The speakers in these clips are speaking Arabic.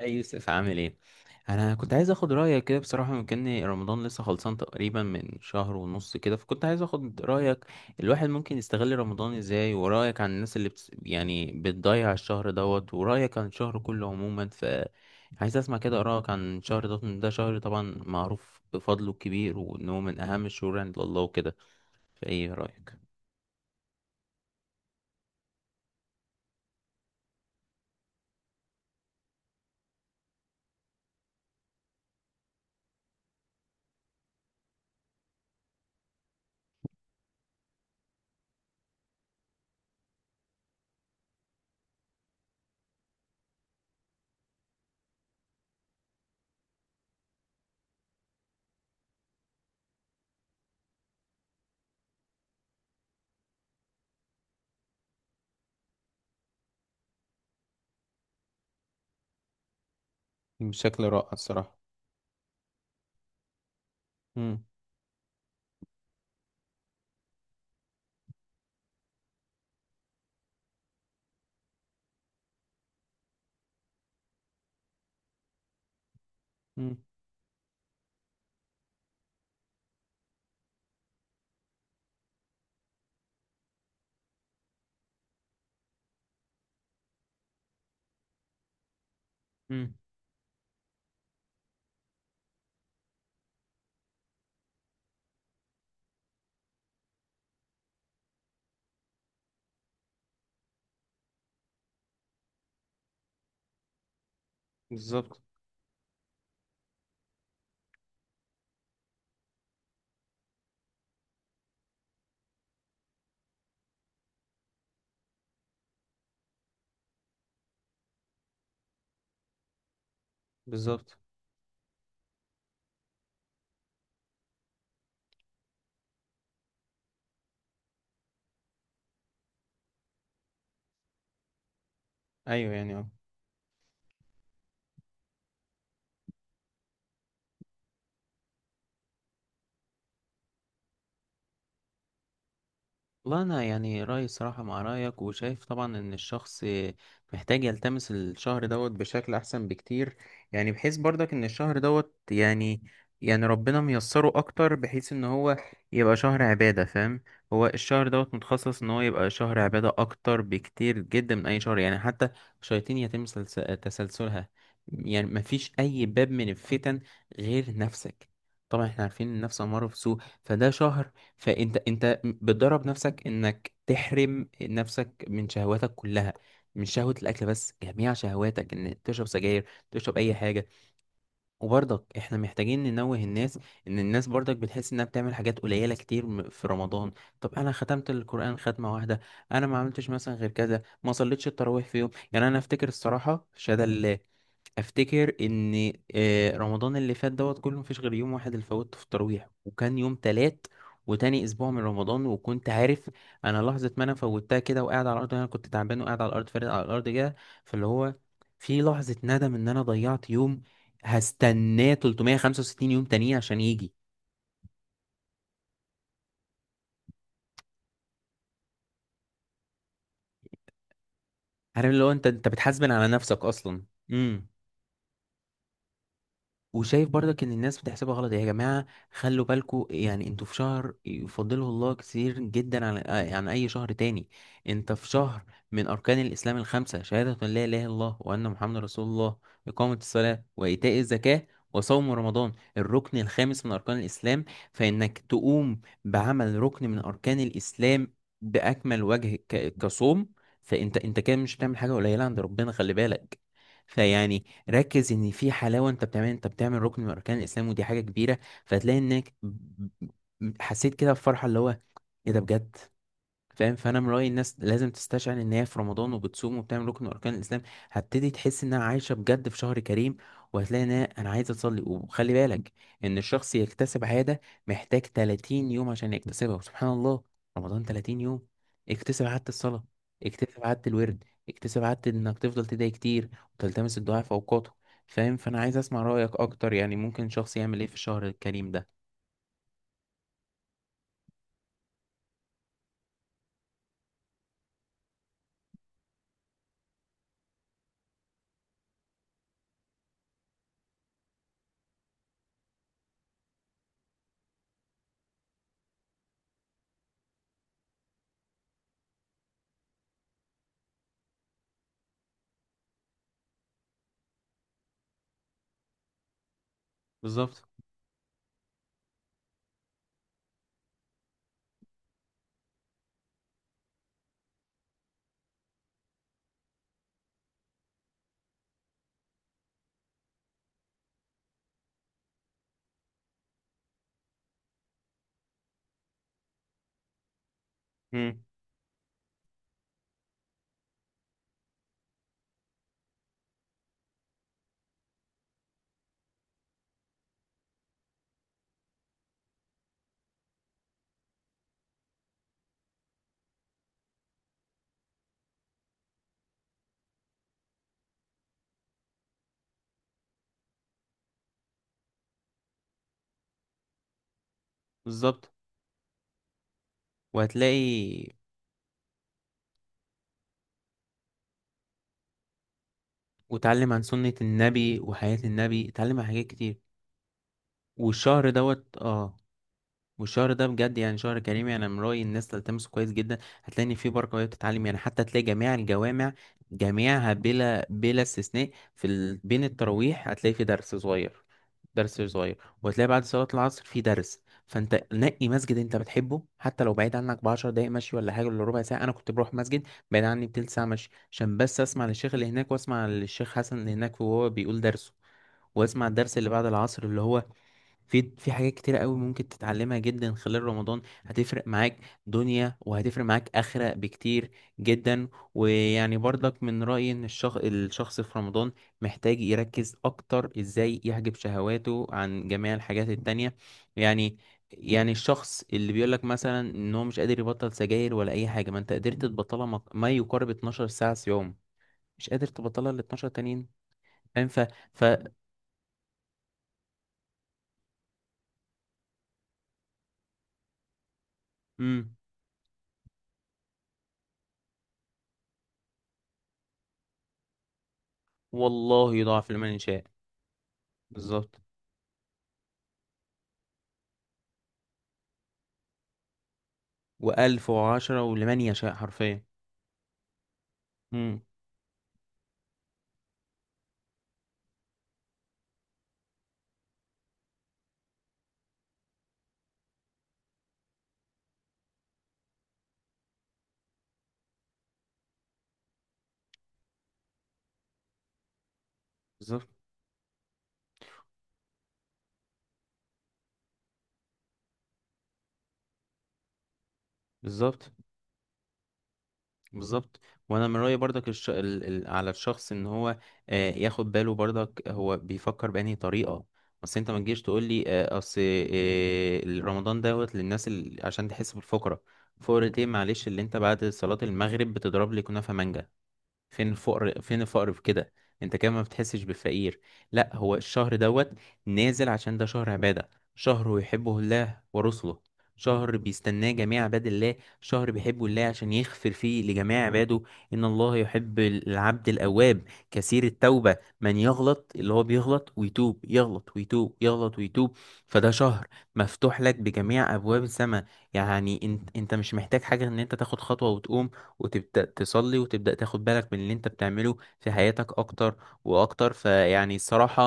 اي يوسف، عامل ايه؟ انا كنت عايز اخد رايك كده بصراحه. مكان رمضان لسه خلصان تقريبا من شهر ونص كده، فكنت عايز اخد رايك. الواحد ممكن يستغل رمضان ازاي؟ ورايك عن الناس اللي بتس... يعني بتضيع الشهر دوت، ورايك عن الشهر كله عموما. عايز اسمع كده رايك عن الشهر دوت، إن ده شهر طبعا معروف بفضله الكبير وانه من اهم الشهور عند الله وكده. فايه رايك؟ بشكل رائع الصراحة. امم امم بالظبط، بالظبط. ايوه يعني اه. والله انا يعني رايي صراحه مع رايك، وشايف طبعا ان الشخص محتاج يلتمس الشهر دوت بشكل احسن بكتير. يعني بحيث برضك ان الشهر دوت يعني، يعني ربنا ميسره اكتر بحيث ان هو يبقى شهر عباده، فاهم؟ هو الشهر دوت متخصص ان هو يبقى شهر عباده اكتر بكتير جدا من اي شهر، يعني حتى الشياطين يتم تسلسلها. يعني مفيش اي باب من الفتن غير نفسك. طبعا احنا عارفين ان النفس اماره بسوء، فده شهر فانت بتدرب نفسك انك تحرم نفسك من شهواتك كلها، من شهوة الاكل بس، جميع شهواتك، ان تشرب سجاير، تشرب اي حاجة. وبرضك احنا محتاجين ننوه الناس ان الناس برضك بتحس انها بتعمل حاجات قليلة كتير في رمضان. طب انا ختمت القرآن ختمة واحدة، انا ما عملتش مثلا غير كذا، ما صليتش التراويح في يوم، يعني انا افتكر الصراحة شهادة لله، افتكر ان رمضان اللي فات دوت كله مفيش غير يوم واحد اللي فوتته في التراويح، وكان يوم تلات وتاني اسبوع من رمضان. وكنت عارف انا لحظه ما انا فوتها كده وقاعد على الارض، انا كنت تعبان وقاعد على الارض فارد على الارض كده، فاللي هو في لحظه ندم ان انا ضيعت يوم هستناه 365 يوم تانيين عشان يجي. عارف اللي هو انت انت بتحاسبن على نفسك اصلا. امم. وشايف برضك ان الناس بتحسبها غلط. يا جماعه خلوا بالكوا، يعني انتوا في شهر يفضله الله كتير جدا عن عن اي شهر تاني. انت في شهر من اركان الاسلام الخمسه، شهاده ان لا اله الا الله وان محمد رسول الله، اقامه الصلاه، وايتاء الزكاه، وصوم رمضان الركن الخامس من اركان الاسلام. فانك تقوم بعمل ركن من اركان الاسلام باكمل وجه كصوم، فانت انت كده مش بتعمل حاجه قليله عند ربنا، خلي بالك. فيعني ركز ان في حلاوه، انت بتعمل، انت بتعمل ركن من اركان الاسلام، ودي حاجه كبيره. فهتلاقي انك حسيت كده بفرحه اللي هو ايه ده بجد، فاهم؟ فانا من رايي الناس لازم تستشعر ان هي في رمضان وبتصوم وبتعمل ركن من اركان الاسلام، هتبتدي تحس انها عايشه بجد في شهر كريم. وهتلاقي ان انا عايزه اصلي. وخلي بالك ان الشخص يكتسب عاده محتاج 30 يوم عشان يكتسبها، وسبحان الله رمضان 30 يوم. اكتسب عاده الصلاه، اكتسب عاده الورد، اكتسب عاده انك تفضل تدعي كتير وتلتمس الدعاء في اوقاته، فاهم؟ فانا عايز اسمع رايك اكتر، يعني ممكن شخص يعمل ايه في الشهر الكريم ده؟ بالظبط. امم. بالظبط. وهتلاقي، واتعلم عن سنة النبي وحياة النبي، اتعلم عن حاجات كتير. والشهر دوت اه، والشهر ده بجد يعني شهر كريم، يعني من رأيي الناس تلتمسه كويس جدا. هتلاقي إن فيه بركة وهي بتتعلم، يعني حتى تلاقي جميع الجوامع جميعها بلا بلا استثناء، بين التراويح هتلاقي في درس صغير، درس صغير، وهتلاقي بعد صلاة العصر في درس. فانت نقي مسجد انت بتحبه، حتى لو بعيد عنك بعشر دقايق مشي ولا حاجة ولا ربع ساعة. انا كنت بروح مسجد بعيد عني بتلت ساعة مشي عشان بس اسمع للشيخ اللي هناك، واسمع للشيخ حسن اللي هناك وهو بيقول درسه، واسمع الدرس اللي بعد العصر اللي هو في حاجات كتيرة قوي ممكن تتعلمها جدا خلال رمضان، هتفرق معاك دنيا وهتفرق معاك آخرة بكتير جدا. ويعني برضك من رأيي ان الشخص في رمضان محتاج يركز اكتر ازاي يحجب شهواته عن جميع الحاجات التانية. يعني، يعني الشخص اللي بيقولك مثلا ان هو مش قادر يبطل سجاير ولا اي حاجة، ما انت قدرت تبطلها ما يقارب 12 ساعة في يوم، مش قادر تبطلها ال 12 تانيين؟ فاهم؟ ف ف مم. والله يضاعف لمن يشاء. بالظبط. وألف وعشرة ولمن يشاء حرفيا. امم. بالظبط. بالظبط. بالظبط. وأنا من رأيي برضك على الشخص إن هو آه ياخد باله. برضك هو بيفكر بأنهي طريقة؟ بس أنت ما تجيش تقول لي آه أصل آه رمضان دوت للناس عشان تحس بالفقرة. فقرة إيه؟ معلش اللي أنت بعد صلاة المغرب بتضرب لي كنافة مانجا، فين الفقر، فين الفقر في كده؟ انت كمان ما بتحسش بالفقير. لا، هو الشهر دوت نازل عشان ده شهر عبادة، شهر يحبه الله ورسله، شهر بيستناه جميع عباد الله، شهر بيحبه الله عشان يغفر فيه لجميع عباده. ان الله يحب العبد الاواب، كثير التوبة، من يغلط اللي هو بيغلط ويتوب، يغلط ويتوب، يغلط ويتوب. فده شهر مفتوح لك بجميع ابواب السماء. يعني انت انت مش محتاج حاجة، ان انت تاخد خطوة وتقوم وتبدأ تصلي وتبدأ تاخد بالك من اللي انت بتعمله في حياتك اكتر واكتر، فيعني الصراحة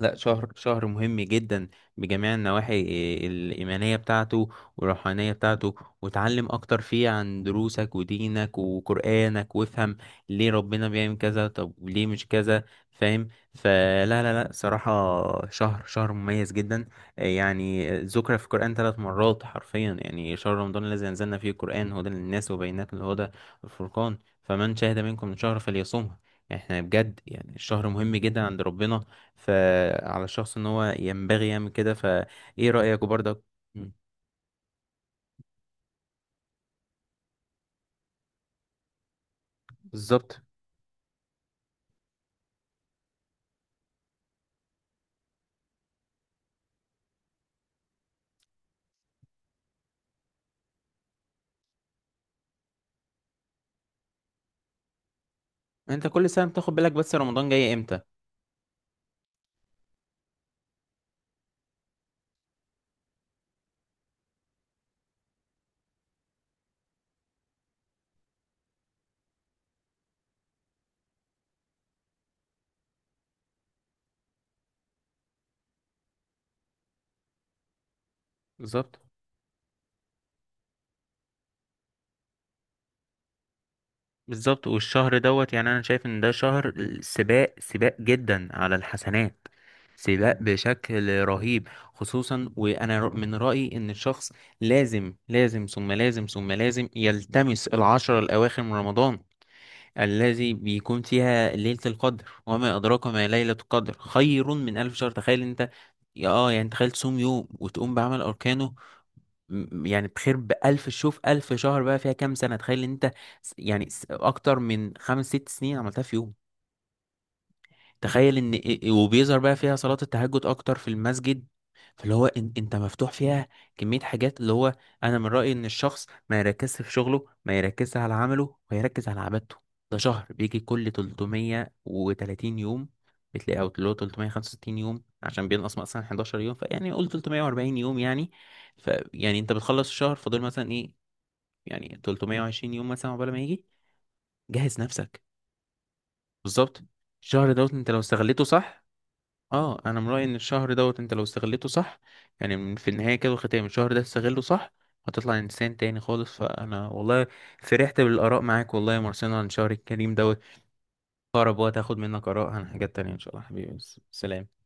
لا، شهر، شهر مهم جدا بجميع النواحي، الإيمانية بتاعته والروحانية بتاعته. وتعلم أكتر فيه عن دروسك ودينك وقرآنك، وافهم ليه ربنا بيعمل كذا، طب ليه مش كذا، فاهم؟ فلا لا لا صراحة، شهر، شهر مميز جدا. يعني ذكر في القرآن ثلاث مرات حرفيا، يعني شهر رمضان الذي أنزلنا فيه القرآن هدى للناس وبينات من الهدى والفرقان، فمن شهد منكم شهر فليصمه. احنا بجد يعني الشهر مهم جدا عند ربنا، فعلى الشخص ان هو ينبغي يعمل كده. فايه رأيك برضك؟ مم. بالظبط. انت كل سنة بتاخد بالك بس رمضان جاي امتى. بالظبط. بالظبط. والشهر دوت يعني انا شايف ان ده شهر سباق، سباق جدا على الحسنات، سباق بشكل رهيب. خصوصا وانا من رأيي ان الشخص لازم لازم ثم لازم ثم لازم يلتمس العشرة الاواخر من رمضان، الذي بيكون فيها ليلة القدر، وما أدراك ما ليلة القدر، خير من ألف شهر. تخيل أنت، يا اه يعني تخيل تصوم يوم وتقوم بعمل أركانه، يعني بخير بألف، شوف ألف شهر بقى فيها كام سنة، تخيل أنت، أكتر من خمس ست سنين عملتها في يوم. تخيل ان إيه، وبيظهر بقى فيها صلاة التهجد اكتر في المسجد، فاللي هو إن انت مفتوح فيها كمية حاجات اللي هو انا من رأيي ان الشخص ما يركزش في شغله، ما يركزش على عمله، ويركز على عبادته. ده شهر بيجي كل 330 يوم، بتلاقي او اللي هو 365 يوم عشان بينقص مثلا 11 يوم، فيعني قول 340 يوم يعني. فيعني انت بتخلص الشهر فاضل مثلا ايه، يعني 320 يوم مثلا عقبال ما يجي. جهز نفسك. بالظبط. الشهر دوت انت لو استغليته صح، اه انا من رايي ان الشهر دوت انت لو استغلته صح، يعني في النهايه كده والختام، الشهر ده استغله صح هتطلع انسان تاني خالص. فانا والله فرحت بالاراء معاك والله يا مارسينا عن شهر الكريم دوت. اقرب وقت هاخد منك اراء عن حاجات تانية ان شاء الله حبيبي. سلام.